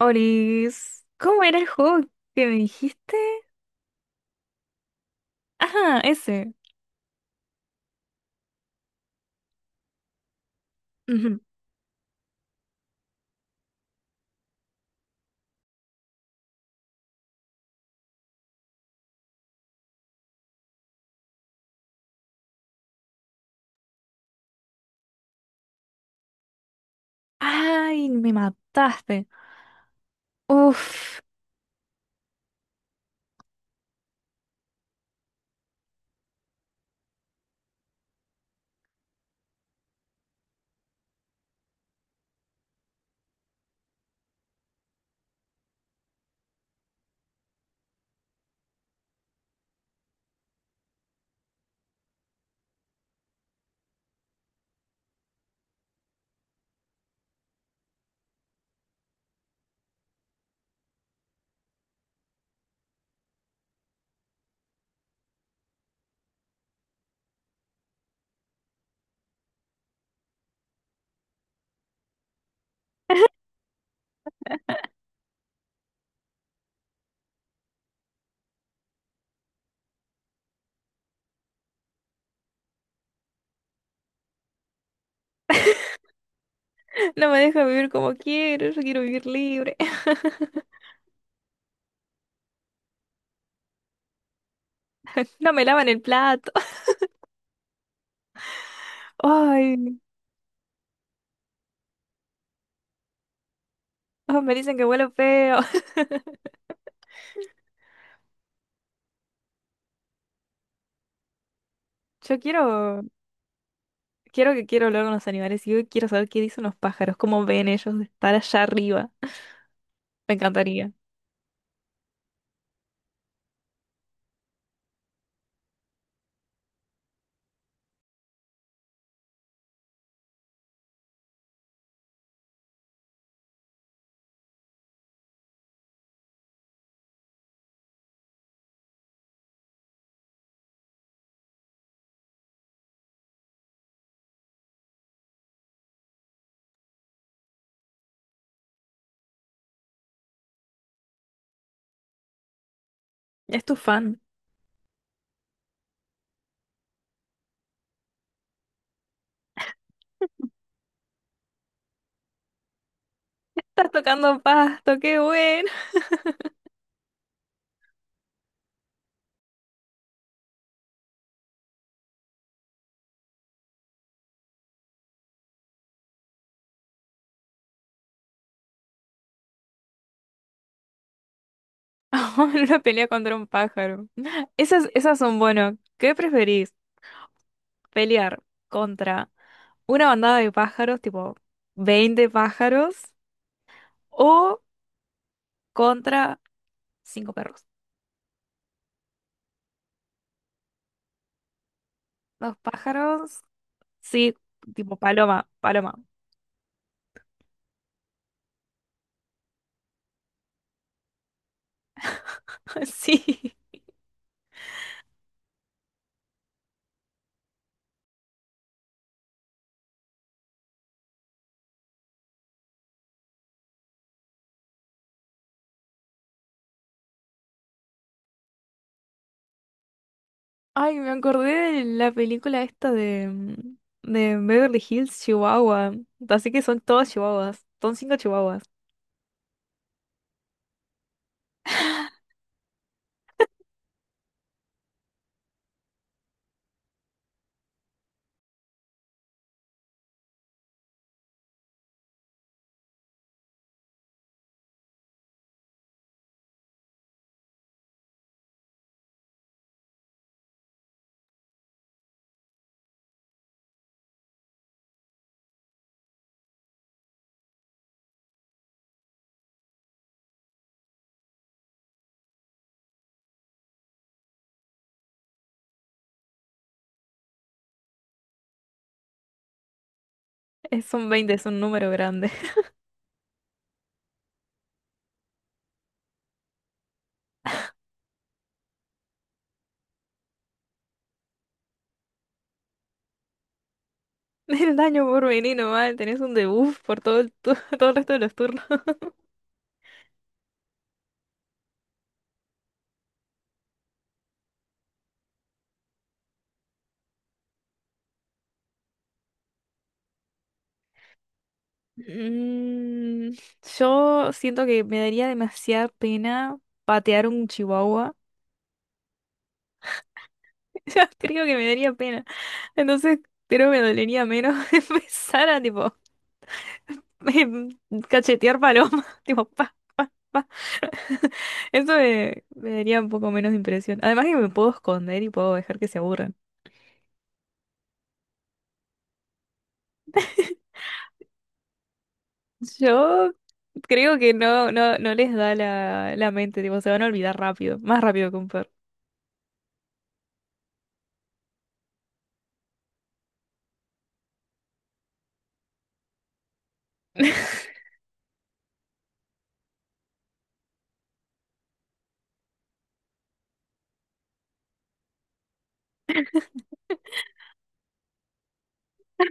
Oris, ¿cómo era el juego que me dijiste? Ajá, ese. Ujú. Ay, me mataste. Uf, no me deja vivir como quiero, yo quiero vivir libre. No me lavan el plato. Ay, oh, me dicen que huelo feo. Yo quiero, quiero que quiero hablar con los animales y yo quiero saber qué dicen los pájaros, cómo ven ellos de estar allá arriba. Me encantaría. Es tu fan. Estás tocando pasto, qué bueno. Una pelea contra un pájaro. Esas son, bueno, ¿qué preferís? ¿Pelear contra una bandada de pájaros, tipo 20 pájaros, o contra cinco perros? Los pájaros, sí, tipo paloma, paloma. Sí. Ay, me acordé de la película esta de Beverly Hills, Chihuahua. Así que son todos chihuahuas. Son cinco chihuahuas. Son 20 es un número grande. El daño por venir nomás, tenés un debuff por todo el resto de los turnos. Mm, yo siento que me daría demasiada pena patear un chihuahua. Yo creo que me daría pena. Entonces creo que me dolería menos empezar a tipo em, cachetear paloma. Tipo, pa, pa, pa. Eso me, me daría un poco menos de impresión. Además que me puedo esconder y puedo dejar que se aburran. Yo creo que no, no, no les da la mente, tipo, se van a olvidar rápido, más rápido que un perro.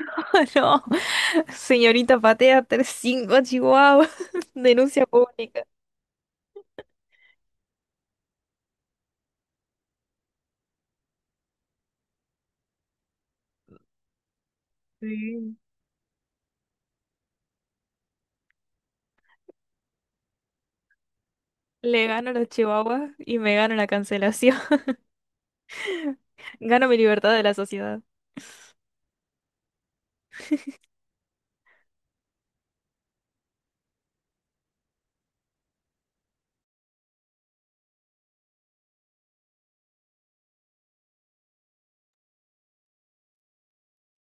No, señorita patea tres cinco chihuahuas denuncia pública. Sí. Le gano a los chihuahuas y me gano la cancelación. Gano mi libertad de la sociedad.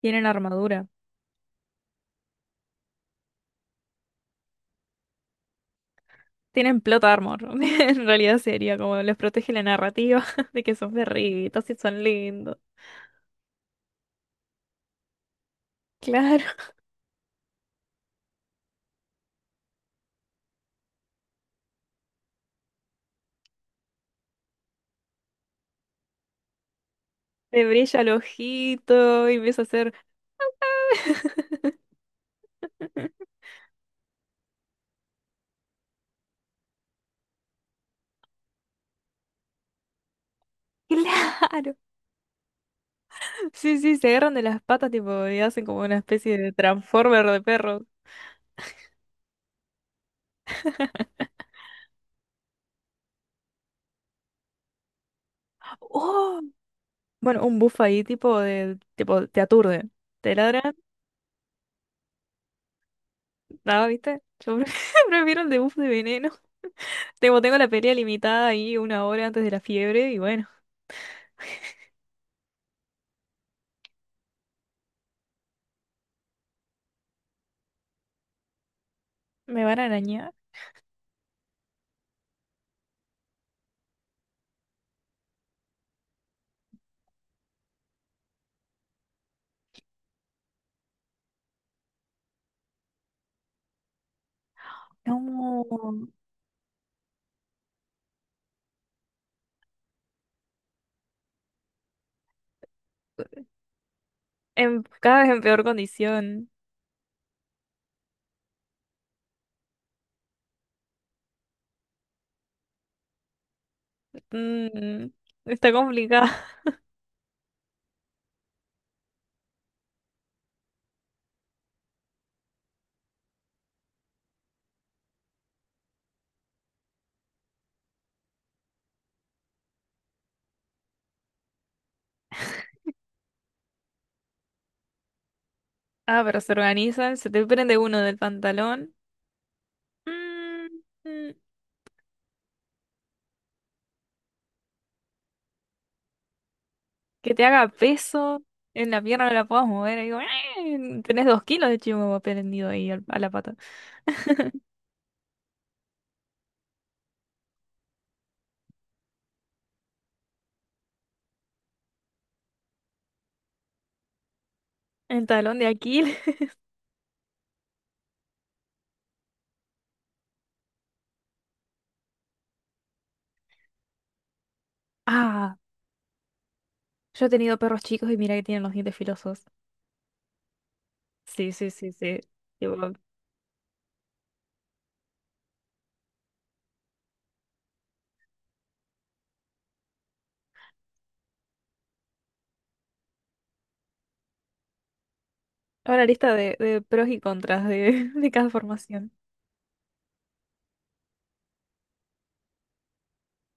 Tienen armadura. Tienen plot armor. En realidad sería como les protege la narrativa de que son perritos y son lindos. Claro, le brilla el ojito y empieza a hacer... Claro. Sí, sí, se agarran de las patas, tipo, y hacen como una especie de transformer de perros. ¡Oh! Bueno, un buff ahí, tipo, de, tipo, te aturde. Te ladran, nada, ¿viste? Prefiero el de buff de veneno. Tengo la pelea limitada ahí una hora antes de la fiebre y bueno, me van a arañar. No. En, cada vez en peor condición. Mm, está complicada. Ah, pero se organizan, se te prende uno del pantalón. Mm, mm. Que te haga peso, en la pierna no la puedas mover. Y digo, "Ah, tenés 2 kilos de chihuahua prendido ahí a la pata." El talón de Aquiles. Ah, yo he tenido perros chicos y mira que tienen los dientes filosos. Sí, sí, sí, sí. Tipo, ahora lista de pros y contras de, de cada formación.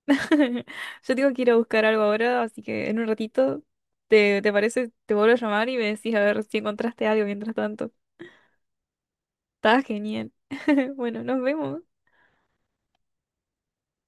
Yo tengo que ir a buscar algo ahora, así que en un ratito, ¿te parece? Te vuelvo a llamar y me decís a ver si encontraste algo mientras tanto. Está genial. Bueno, nos vemos.